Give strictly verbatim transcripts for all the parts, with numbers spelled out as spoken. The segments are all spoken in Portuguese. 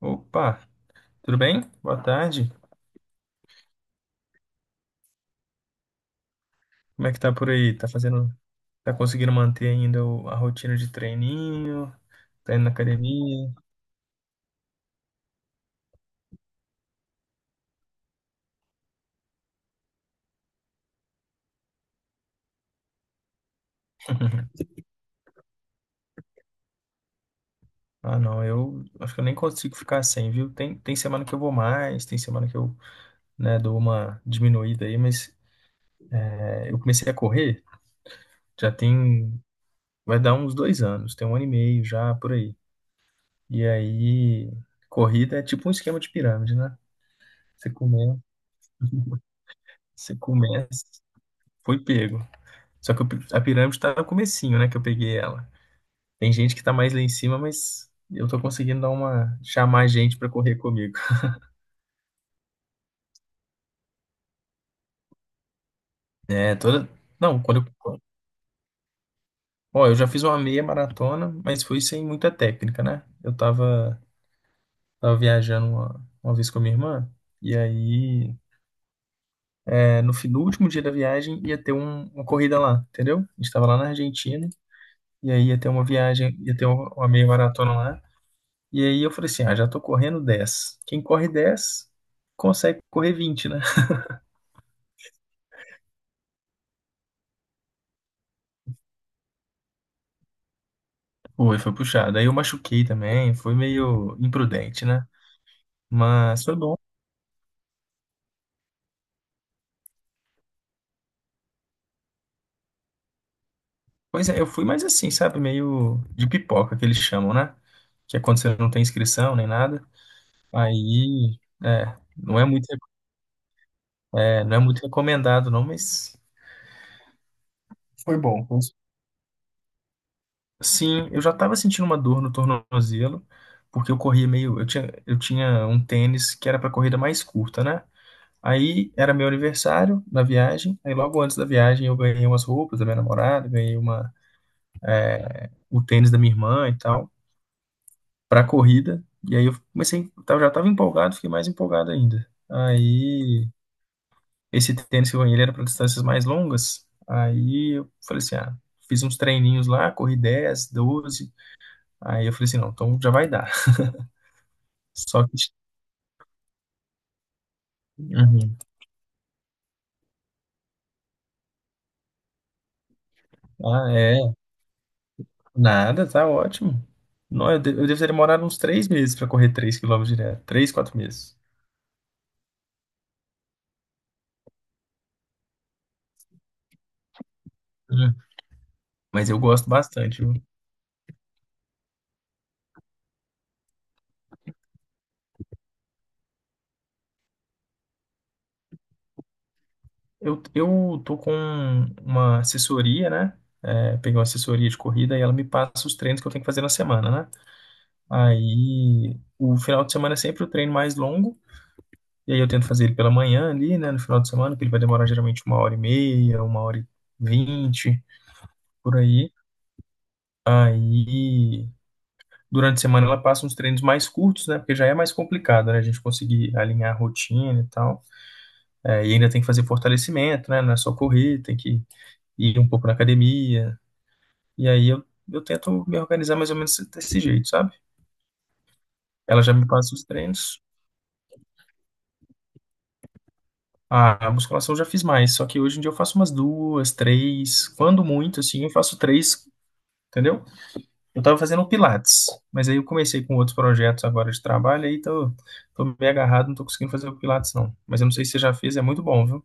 Opa, tudo bem? Boa tarde. Como é que tá por aí? Tá fazendo, tá conseguindo manter ainda o- a rotina de treininho? Tá indo na academia? Ah, não, eu acho que eu nem consigo ficar sem, viu? Tem, tem semana que eu vou mais, tem semana que eu, né, dou uma diminuída aí, mas é, eu comecei a correr, já tem, vai dar uns dois anos, tem um ano e meio já por aí. E aí, corrida é tipo um esquema de pirâmide, né? Você começa, você começa, foi pego. Só que o pi- a pirâmide tá no comecinho, né, que eu peguei ela. Tem gente que tá mais lá em cima, mas eu tô conseguindo dar uma chamar gente pra correr comigo. É, toda Não, quando eu Ó, eu já fiz uma meia maratona, mas foi sem muita técnica, né? Eu tava tava viajando uma, uma vez com a minha irmã e aí é, no, fi- no último dia da viagem ia ter um- uma corrida lá, entendeu? A gente tava lá na Argentina e aí ia ter uma viagem, ia ter uma, uma meia maratona lá. E aí eu falei assim, ah, já tô correndo dez. Quem corre dez consegue correr vinte, né? Foi, foi puxado. Aí eu machuquei também, foi meio imprudente, né? Mas foi bom. Pois é, eu fui mais assim, sabe? Meio de pipoca que eles chamam, né? Que é quando você não tem inscrição nem nada. Aí, é, não é muito, é, não é muito recomendado não, mas foi bom. Foi- Sim, eu já estava sentindo uma dor no tornozelo, porque eu corria meio, eu tinha, eu tinha um tênis que era para corrida mais curta, né? Aí era meu aniversário na viagem. Aí logo antes da viagem eu ganhei umas roupas da minha namorada, ganhei uma, o tênis da minha irmã e tal, pra corrida. E aí eu comecei, eu já tava empolgado, fiquei mais empolgado ainda. Aí esse tênis que eu ganhei ele era para distâncias mais longas. Aí eu falei assim, ah, fiz uns treininhos lá, corri dez, doze. Aí eu falei assim, não, então já vai dar. Só que. Uhum. Ah, é. Nada, tá ótimo. Não, eu, de- eu devo ter demorado uns três meses para correr três quilômetros direto. Três, quatro meses. Uhum. Mas eu gosto bastante, viu? Eu, eu tô com uma assessoria, né? É, peguei uma assessoria de corrida e ela me passa os treinos que eu tenho que fazer na semana, né? Aí o final de semana é sempre o treino mais longo. E aí eu tento fazer ele pela manhã ali, né? No final de semana, que ele vai demorar geralmente uma hora e meia, uma hora e vinte, por aí. Aí durante a semana ela passa uns treinos mais curtos, né? Porque já é mais complicado, né? A gente conseguir alinhar a rotina e tal. É, e ainda tem que fazer fortalecimento, né? Não é só correr, tem que ir um pouco na academia. E aí eu, eu tento me organizar mais ou menos desse jeito, sabe? Ela já me passa os treinos. Ah, a musculação eu já fiz mais, só que hoje em dia eu faço umas duas, três, quando muito, assim, eu faço três, entendeu? Eu estava fazendo Pilates, mas aí eu comecei com outros projetos agora de trabalho, aí tô, tô meio agarrado, não tô conseguindo fazer o Pilates, não. Mas eu não sei se você já fez, é muito bom, viu?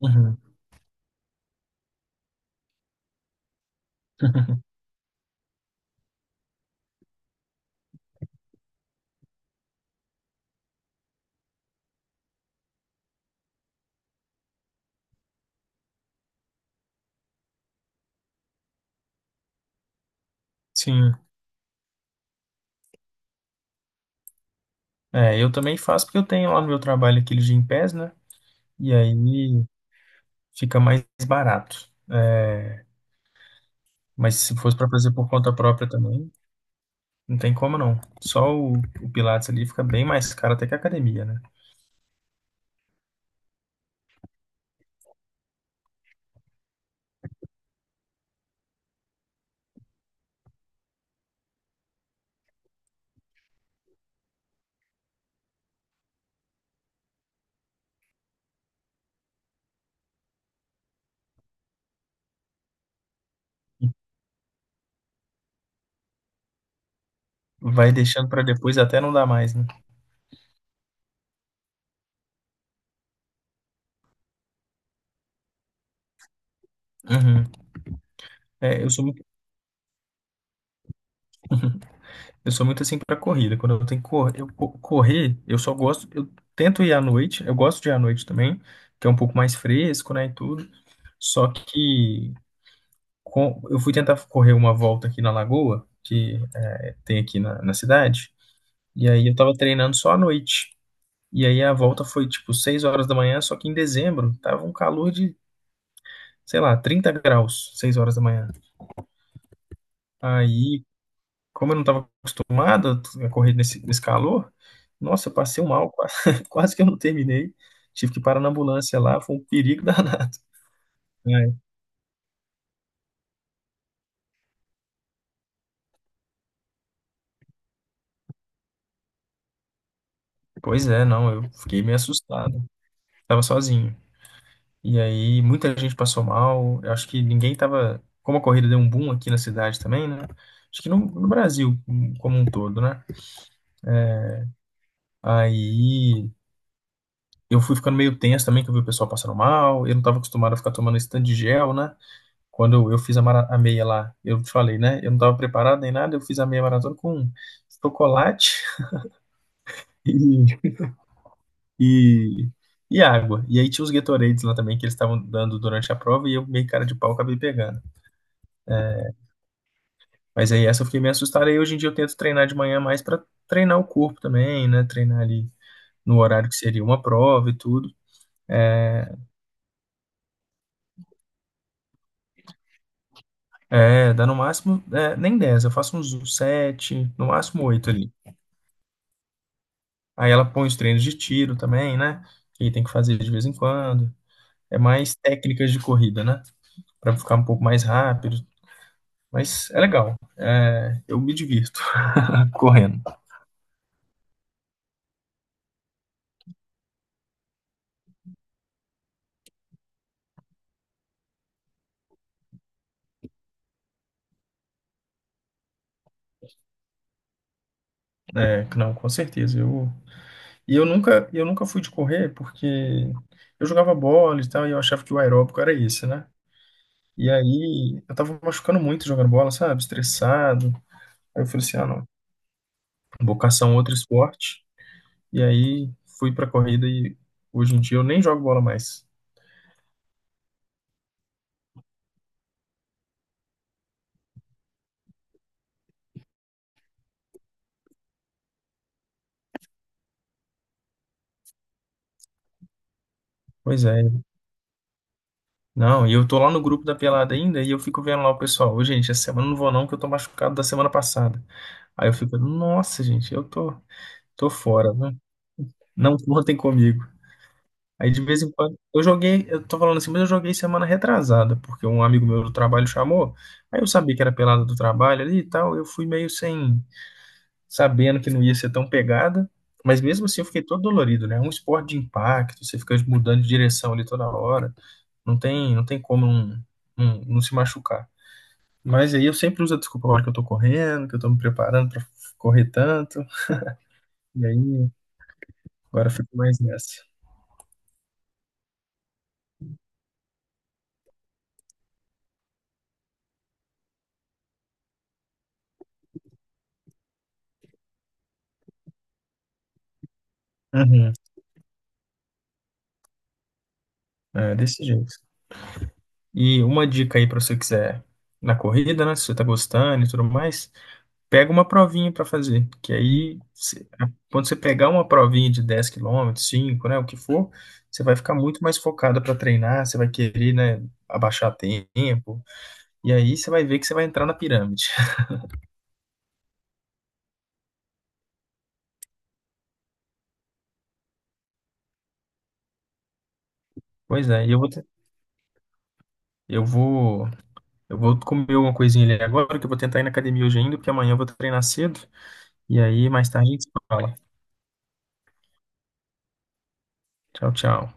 Uhum. Sim. É, eu também faço porque eu tenho lá no meu trabalho aquele Gympass, né? E aí fica mais barato. Mas se fosse para fazer por conta própria também, não tem como não. Só o, o Pilates ali fica bem mais caro até que a academia, né? Vai deixando para depois até não dar mais, né? Uhum. É, eu sou muito Eu sou muito assim pra corrida. Quando eu tenho que cor eu co- correr, eu só gosto. Eu tento ir à noite. Eu gosto de ir à noite também, que é um pouco mais fresco, né, e tudo. Só que com- eu fui tentar correr uma volta aqui na Lagoa, que é, tem aqui na, na cidade. E aí eu tava treinando só à noite. E aí a volta foi tipo seis horas da manhã, só que em dezembro tava um calor de, sei lá, trinta graus, seis horas da manhã. Aí como eu não estava acostumado a correr nesse, nesse calor, nossa, eu passei um mal, quase, quase que eu não terminei. Tive que parar na ambulância lá, foi um perigo danado. É. Pois é, não, eu fiquei meio assustado. Tava sozinho. E aí, muita gente passou mal. Eu acho que ninguém tava. Como a corrida deu um boom aqui na cidade também, né? Acho que no, no Brasil como um todo, né? Aí eu fui ficando meio tenso também, que eu vi o pessoal passando mal. Eu não tava acostumado a ficar tomando esse tanto de gel, né? Quando eu fiz a, mara- a meia lá, eu te falei, né? Eu não estava preparado nem nada, eu fiz a meia maratona com chocolate e, e, e água. E aí tinha os Gatorades lá também que eles estavam dando durante a prova e eu meio cara de pau acabei pegando. Mas aí essa eu fiquei meio assustado. Aí hoje em dia eu tento treinar de manhã mais para treinar o corpo também, né? Treinar ali no horário que seria uma prova e tudo. É, é, dá no máximo, é, nem dez. Eu faço uns sete, no máximo oito ali. Aí ela põe os treinos de tiro também, né? Que tem que fazer de vez em quando. É mais técnicas de corrida, né, para ficar um pouco mais rápido. Mas é legal. É, eu me divirto correndo. É, não, com certeza. Eu, e eu nunca, eu nunca fui de correr porque eu jogava bola e tal, e eu achava que o aeróbico era esse, né? E aí eu tava machucando muito jogando bola, sabe? Estressado. Aí eu falei assim, ah, não, vou caçar um outro esporte. E aí fui pra corrida e hoje em dia eu nem jogo bola mais. Pois é. Não, e eu tô lá no grupo da pelada ainda e eu fico vendo lá o pessoal. Ô, gente, essa semana eu não vou não, que eu tô machucado da semana passada. Aí eu fico, nossa, gente, eu tô, tô fora, né? Não contem comigo. Aí de vez em quando, eu joguei, eu tô falando assim, mas eu joguei semana retrasada, porque um amigo meu do trabalho chamou. Aí eu sabia que era pelada do trabalho ali e tal, eu fui meio sem sabendo que não ia ser tão pegada, mas mesmo assim eu fiquei todo dolorido, né? É um esporte de impacto, você fica mudando de direção ali toda hora, não tem, não tem como não, não, não se machucar. Mas aí eu sempre uso a desculpa a hora que eu tô correndo, que eu tô me preparando pra correr tanto, e aí agora eu fico mais nessa. Uhum. É, desse jeito. E uma dica aí pra você quiser na corrida, né? Se você tá gostando e tudo mais, pega uma provinha para fazer, que aí cê- a- quando você pegar uma provinha de dez quilômetros, cinco, né, o que for, você vai ficar muito mais focada para treinar, você vai querer, né, abaixar tempo, e aí você vai ver que você vai entrar na pirâmide. Pois é, e eu vou te- eu vou eu vou comer uma coisinha ali agora, que eu vou tentar ir na academia hoje ainda, porque amanhã eu vou treinar cedo, e aí mais tarde a gente se fala. Tchau, tchau.